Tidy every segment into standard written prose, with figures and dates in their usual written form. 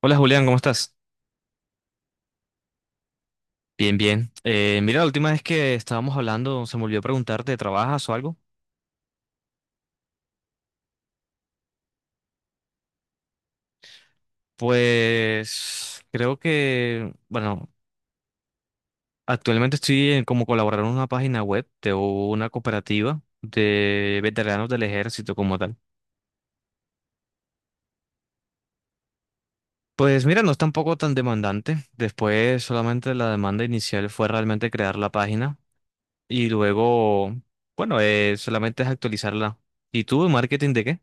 Hola Julián, ¿cómo estás? Bien, bien. Mira, la última vez que estábamos hablando, se me olvidó preguntarte, ¿trabajas o algo? Pues creo que, bueno, actualmente como colaborador en una página web de una cooperativa de veteranos del ejército como tal. Pues mira, no es tampoco tan demandante. Después solamente la demanda inicial fue realmente crear la página y luego, bueno, solamente es actualizarla. ¿Y tú, marketing de qué?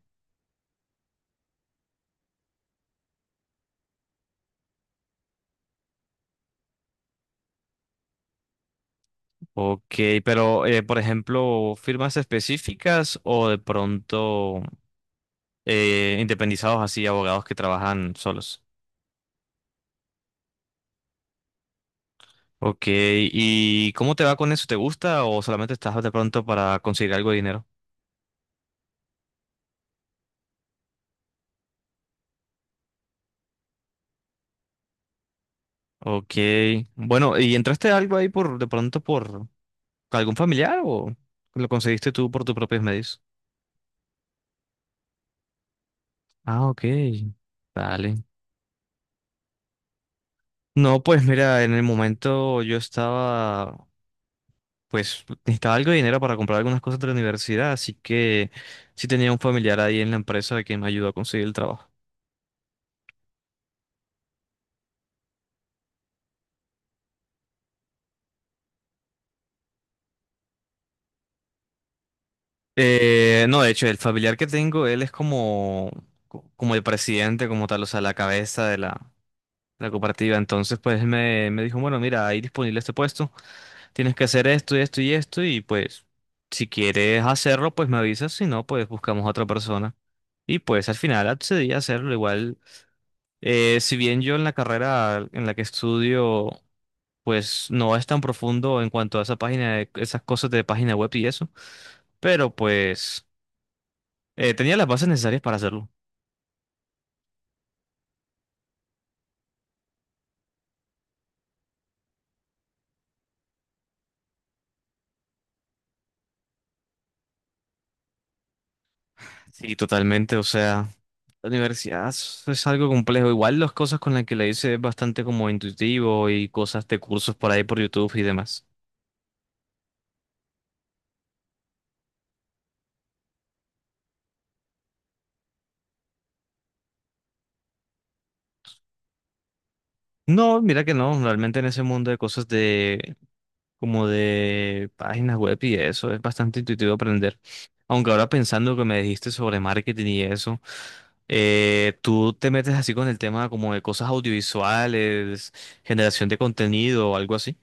Ok, pero por ejemplo, firmas específicas o de pronto independizados así, abogados que trabajan solos. Ok, ¿y cómo te va con eso? ¿Te gusta o solamente estás de pronto para conseguir algo de dinero? Ok, bueno, ¿y entraste algo ahí por de pronto por algún familiar o lo conseguiste tú por tus propios medios? Ah, ok, vale. No, pues mira, en el momento yo estaba, pues necesitaba algo de dinero para comprar algunas cosas de la universidad, así que sí tenía un familiar ahí en la empresa que me ayudó a conseguir el trabajo. No, de hecho, el familiar que tengo, él es como, como el presidente, como tal, o sea, la cabeza de la cooperativa. Entonces, pues me dijo, bueno, mira, hay disponible este puesto, tienes que hacer esto y esto y esto, y pues si quieres hacerlo, pues me avisas, si no, pues buscamos a otra persona. Y pues al final accedí a hacerlo igual. Si bien yo en la carrera en la que estudio pues no es tan profundo en cuanto a esa página, esas cosas de página web y eso, pero pues tenía las bases necesarias para hacerlo. Sí, totalmente, o sea, la universidad es algo complejo. Igual las cosas con las que la hice es bastante como intuitivo y cosas de cursos por ahí por YouTube y demás. No, mira que no, realmente en ese mundo de cosas de como de páginas web y eso. Es bastante intuitivo aprender. Aunque ahora pensando que me dijiste sobre marketing y eso, tú te metes así con el tema como de cosas audiovisuales, generación de contenido o algo así.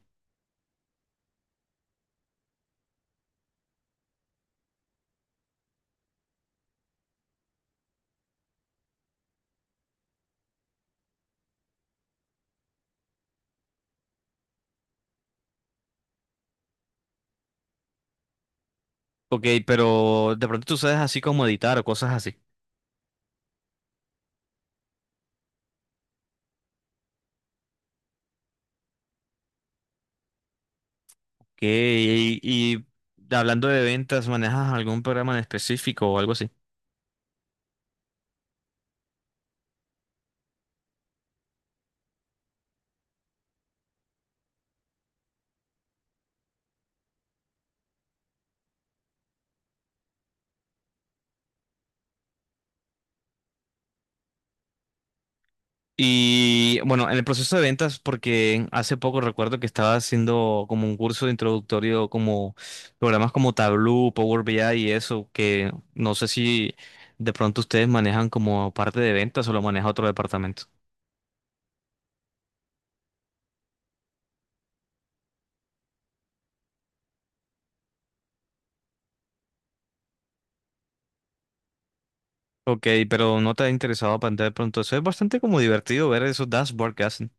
Ok, pero de pronto tú sabes así como editar o cosas así. Ok, y hablando de ventas, ¿manejas algún programa en específico o algo así? Y bueno, en el proceso de ventas, porque hace poco recuerdo que estaba haciendo como un curso de introductorio, como programas como Tableau, Power BI y eso, que no sé si de pronto ustedes manejan como parte de ventas o lo maneja otro departamento. Ok, pero no te ha interesado aprender de pronto eso. Es bastante como divertido ver esos dashboards que hacen.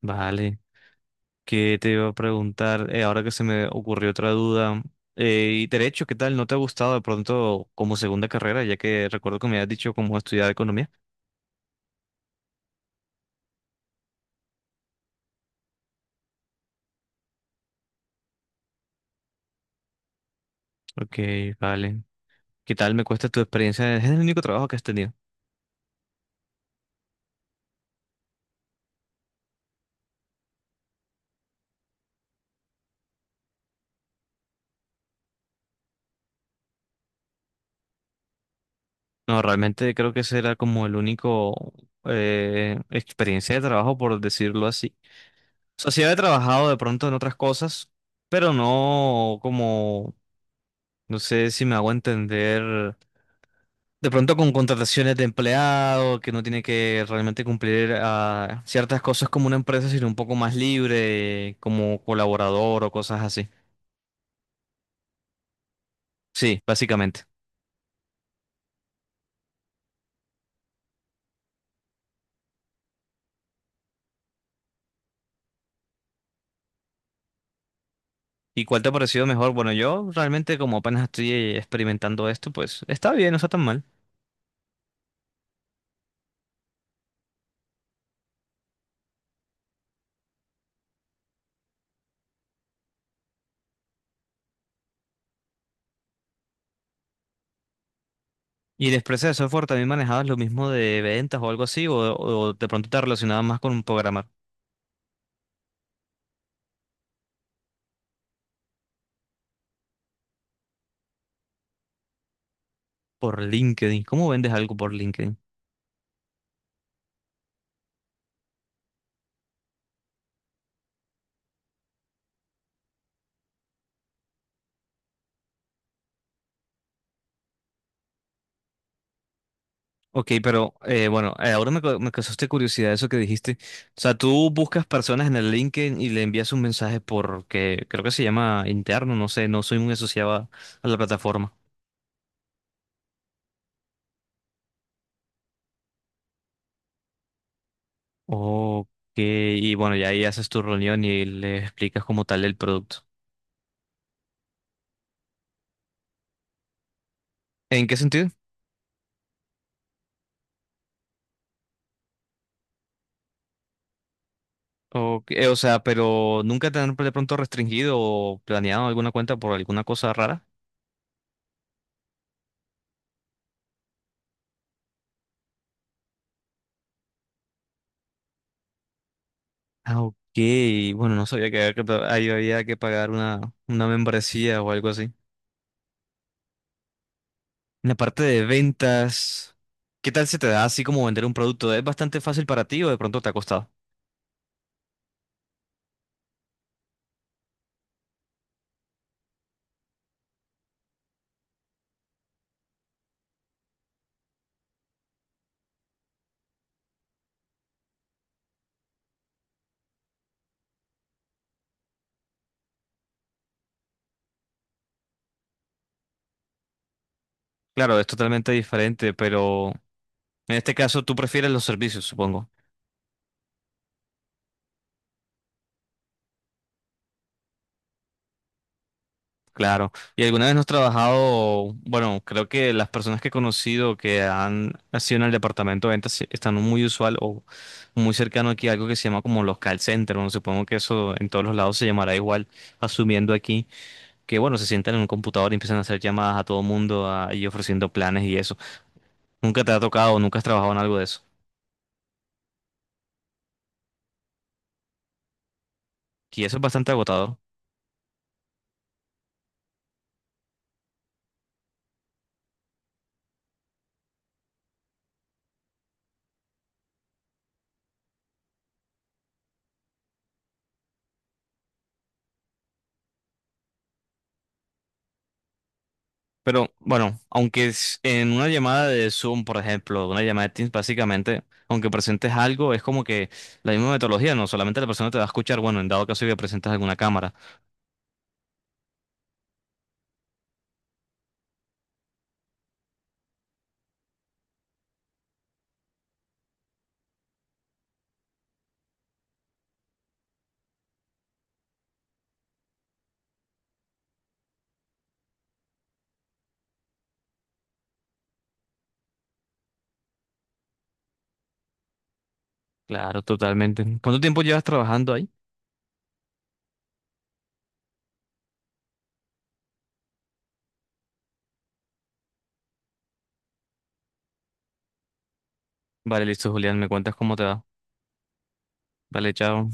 Vale. Que te iba a preguntar, ahora que se me ocurrió otra duda, y derecho, ¿qué tal? ¿No te ha gustado de pronto como segunda carrera, ya que recuerdo que me habías dicho cómo estudiar economía? Ok, vale. ¿Qué tal me cuesta tu experiencia? ¿Es el único trabajo que has tenido? No, realmente creo que ese era como el único experiencia de trabajo, por decirlo así. O sea, sí había trabajado de pronto en otras cosas, pero no como, no sé si me hago entender. De pronto con contrataciones de empleado, que no tiene que realmente cumplir ah, ciertas cosas como una empresa, sino un poco más libre, como colaborador o cosas así. Sí, básicamente. ¿Y cuál te ha parecido mejor? Bueno, yo realmente como apenas estoy experimentando esto, pues está bien, no está tan mal. ¿Y en empresa de software también manejabas lo mismo de ventas o algo así? O de pronto te relacionabas más con un programar por LinkedIn? ¿Cómo vendes algo por LinkedIn? Ok, pero bueno, ahora me causaste curiosidad eso que dijiste. O sea, tú buscas personas en el LinkedIn y le envías un mensaje porque creo que se llama interno, no sé, no soy muy asociado a la plataforma. Ok, y bueno, ya ahí haces tu reunión y le explicas como tal el producto. ¿En qué sentido? Ok, o sea, pero nunca te han de pronto restringido o planeado alguna cuenta por alguna cosa rara. Ah, ok, bueno, no sabía que había que, ahí había que pagar una membresía o algo así. En la parte de ventas, ¿qué tal se te da así como vender un producto? ¿Es bastante fácil para ti o de pronto te ha costado? Claro, es totalmente diferente, pero en este caso tú prefieres los servicios, supongo. Claro. ¿Y alguna vez no has trabajado? Bueno, creo que las personas que he conocido que han nacido en el departamento de ventas están muy usual o muy cercano aquí a algo que se llama como los call centers. Bueno, supongo que eso en todos los lados se llamará igual, asumiendo aquí que, bueno, se sientan en un computador y empiezan a hacer llamadas a todo mundo ah, y ofreciendo planes y eso. Nunca te ha tocado, nunca has trabajado en algo de eso. Y eso es bastante agotador. Pero bueno, aunque es en una llamada de Zoom, por ejemplo, una llamada de Teams, básicamente, aunque presentes algo, es como que la misma metodología, no solamente la persona te va a escuchar, bueno, en dado caso que presentes alguna cámara. Claro, totalmente. ¿Cuánto tiempo llevas trabajando ahí? Vale, listo, Julián, me cuentas cómo te va. Vale, chao.